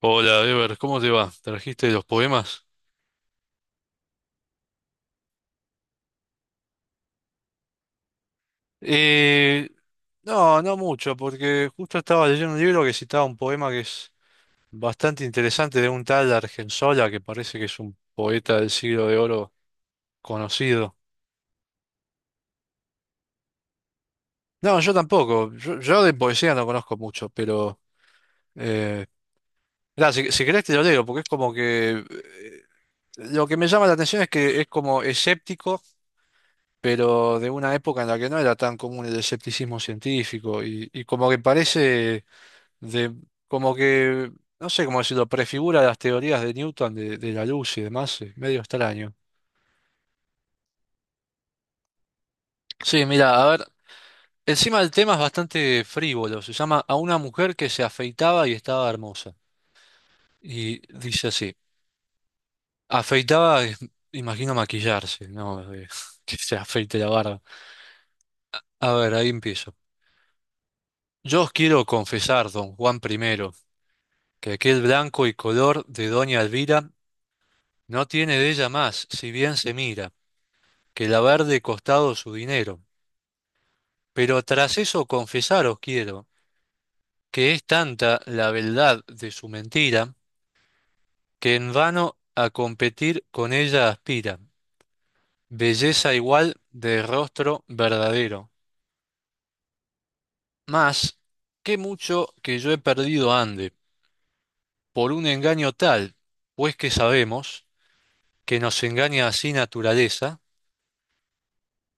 Hola, Ever, ¿cómo te va? ¿Trajiste los poemas? Eh, no, no mucho, porque justo estaba leyendo un libro que citaba un poema que es bastante interesante de un tal Argensola, que parece que es un poeta del Siglo de Oro conocido. No, yo tampoco, yo de poesía no conozco mucho, pero eh, mirá, si querés te lo leo, porque es como que lo que me llama la atención es que es como escéptico, pero de una época en la que no era tan común el escepticismo científico, y como que parece de como que, no sé cómo decirlo, prefigura las teorías de Newton de la luz y demás, medio extraño. Sí, mira, a ver, encima del tema es bastante frívolo, se llama A una mujer que se afeitaba y estaba hermosa. Y dice así, afeitaba, imagino maquillarse, ¿no? Que se afeite la barba. A ver, ahí empiezo. Yo os quiero confesar, don Juan primero, que aquel blanco y color de doña Elvira no tiene de ella más, si bien se mira. Que el de costado su dinero. Pero tras eso confesaros quiero que es tanta la beldad de su mentira, que en vano a competir con ella aspira, belleza igual de rostro verdadero. Mas, qué mucho que yo he perdido ande, por un engaño tal, pues que sabemos, que nos engaña así naturaleza,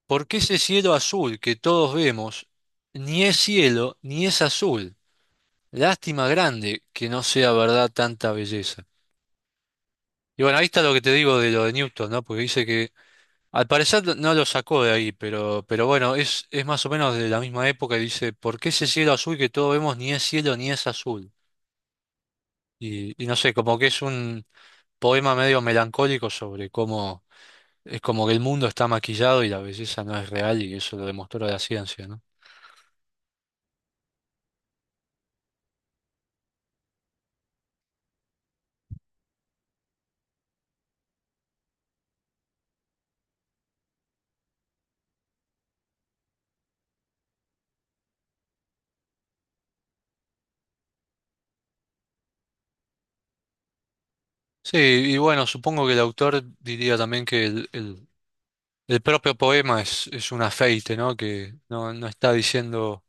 porque ese cielo azul que todos vemos, ni es cielo, ni es azul, lástima grande que no sea verdad tanta belleza. Y bueno, ahí está lo que te digo de lo de Newton, ¿no? Porque dice que al parecer no lo sacó de ahí, pero bueno, es más o menos de la misma época y dice, ¿por qué ese cielo azul que todos vemos ni es cielo ni es azul? Y no sé, como que es un poema medio melancólico sobre cómo es como que el mundo está maquillado y la belleza no es real y eso lo demostró la ciencia, ¿no? Sí, y bueno, supongo que el autor diría también que el propio poema es un afeite, ¿no? Que no, no está diciendo,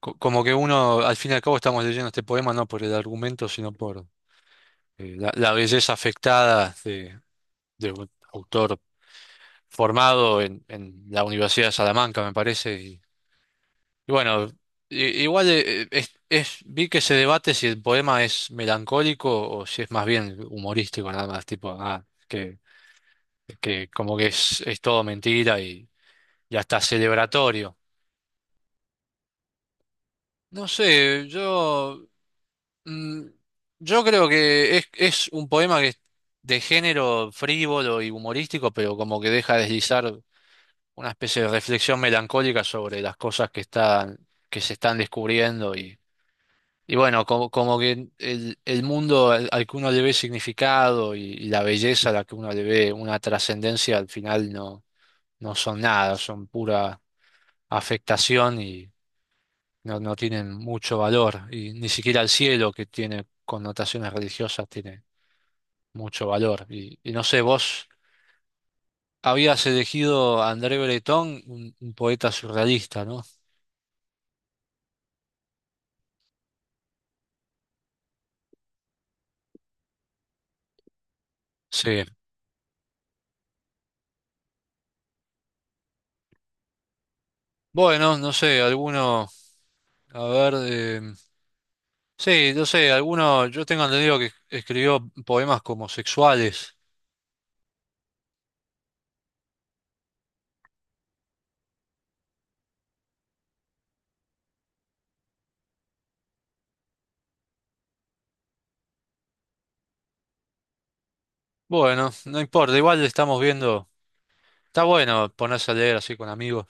como que uno, al fin y al cabo estamos leyendo este poema no por el argumento, sino por la belleza afectada de un autor formado en la Universidad de Salamanca, me parece. Y bueno, igual es, vi que se debate si el poema es melancólico o si es más bien humorístico, nada más, tipo, ah, que como que es todo mentira y hasta celebratorio. No sé, yo, mm, yo creo que es un poema que es de género frívolo y humorístico, pero como que deja deslizar una especie de reflexión melancólica sobre las cosas que están, que se están descubriendo y bueno, como, como que el mundo al que uno le ve significado y la belleza a la que uno le ve una trascendencia al final no, no son nada, son pura afectación y no, no tienen mucho valor y ni siquiera el cielo, que tiene connotaciones religiosas, tiene mucho valor. Y no sé, vos habías elegido a André Breton, un poeta surrealista, ¿no? Sí. Bueno, no sé, alguno, a ver, sí, no sé, alguno, yo tengo entendido que escribió poemas como sexuales. Bueno, no importa, igual estamos viendo, está bueno ponerse a leer así con amigos.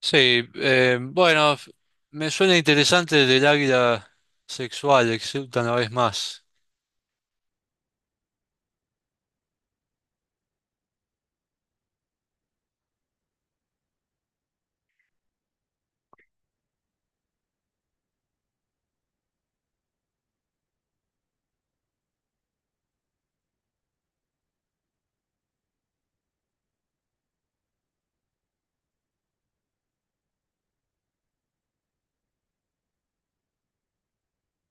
Sí, bueno, me suena interesante del águila sexual, exulta una vez más.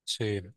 Sí.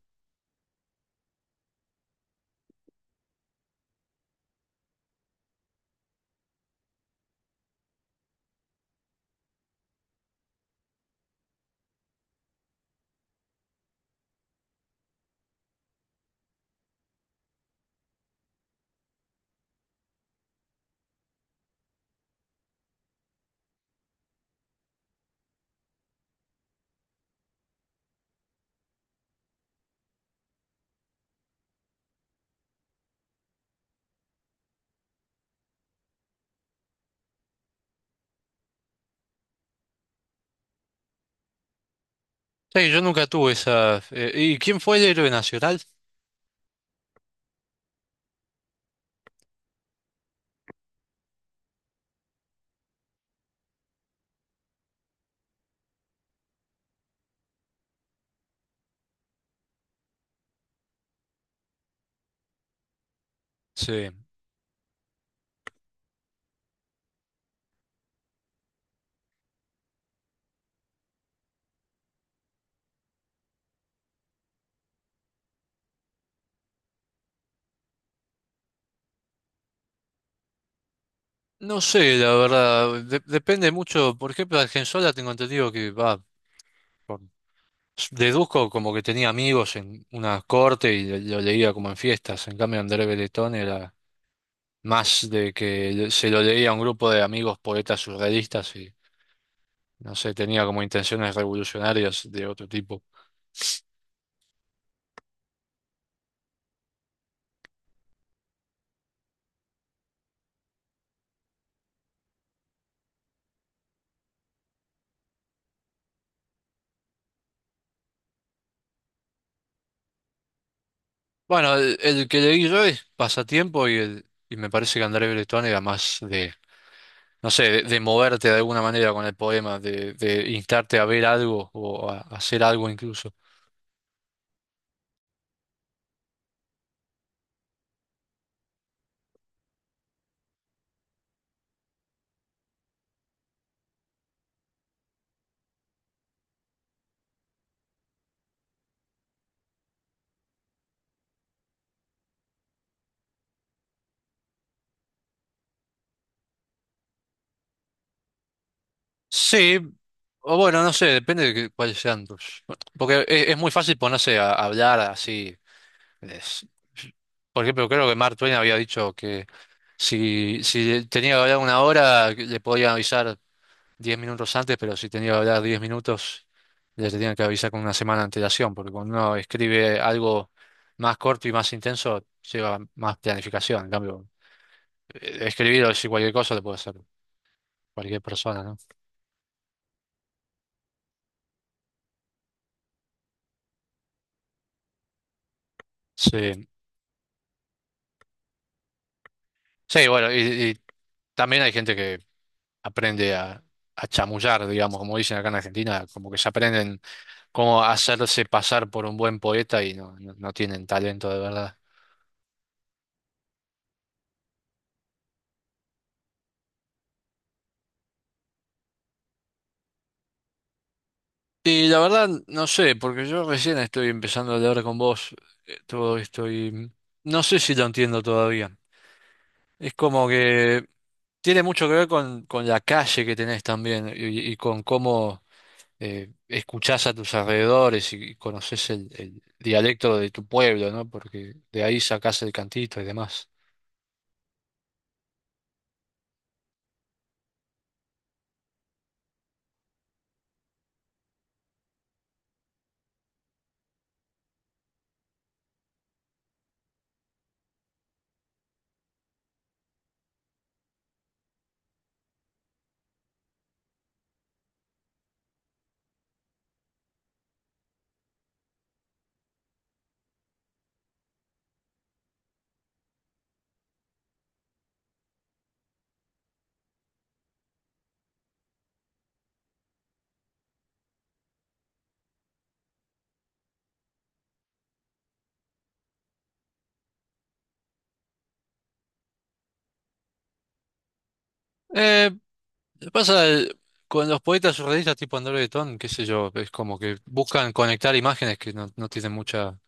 Sí, yo nunca tuve esa. Eh, ¿y quién fue el héroe nacional? Sí. No sé, la verdad. Depende mucho. Por ejemplo, Argensola tengo entendido que va. por- Deduzco como que tenía amigos en una corte y lo leía como en fiestas. En cambio, André Breton era más de que se lo leía a un grupo de amigos poetas surrealistas. No sé, tenía como intenciones revolucionarias de otro tipo. Bueno, el que leí yo es Pasatiempo y, el, y me parece que André Breton era más de, no sé, de moverte de alguna manera con el poema, de instarte a ver algo o a hacer algo incluso. Sí, o bueno, no sé, depende de cuáles sean tus… Porque es muy fácil ponerse a hablar así. es- por ejemplo, creo que Mark Twain había dicho que si tenía que hablar una hora, que le podían avisar 10 minutos antes, pero si tenía que hablar 10 minutos, les tenían que avisar con una semana de antelación, porque cuando uno escribe algo más corto y más intenso, lleva más planificación. En cambio, escribir o decir cualquier cosa lo puede hacer cualquier persona, ¿no? Sí, sí, bueno, y también hay gente que aprende a chamullar, digamos, como dicen acá en Argentina, como que se aprenden cómo hacerse pasar por un buen poeta y no, no no tienen talento de verdad. Y la verdad, no sé, porque yo recién estoy empezando a hablar con vos todo esto y no sé si lo entiendo todavía. Es como que tiene mucho que ver con la calle que tenés también y con cómo escuchás a tus alrededores y, conoces el dialecto de tu pueblo, ¿no? Porque de ahí sacás el cantito y demás. Eh, pasa con los poetas surrealistas tipo André Breton, qué sé yo, es como que buscan conectar imágenes que no, no tienen mucha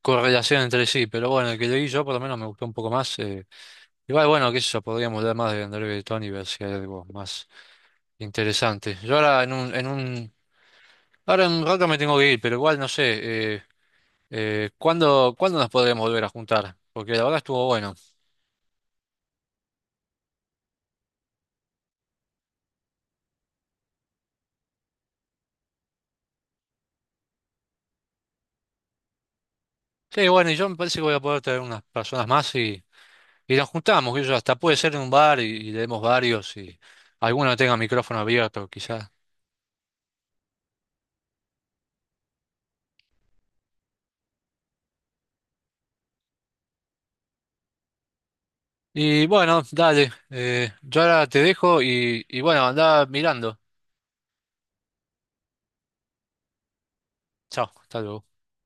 correlación entre sí, pero bueno, el que leí yo por lo menos me gustó un poco más. Eh, igual, bueno, qué sé yo, podríamos hablar más de André Breton y ver si hay algo más interesante. Yo ahora en un, Ahora en un rato me tengo que ir, pero igual no sé, ¿cuándo nos podremos volver a juntar? Porque la verdad estuvo bueno. Sí, bueno, y yo me parece que voy a poder traer unas personas más y nos juntamos, que yo hasta puede ser en un bar y leemos varios y alguno tenga micrófono abierto, quizás. Y bueno, dale, yo ahora te dejo y bueno, andá mirando. Chao, hasta luego.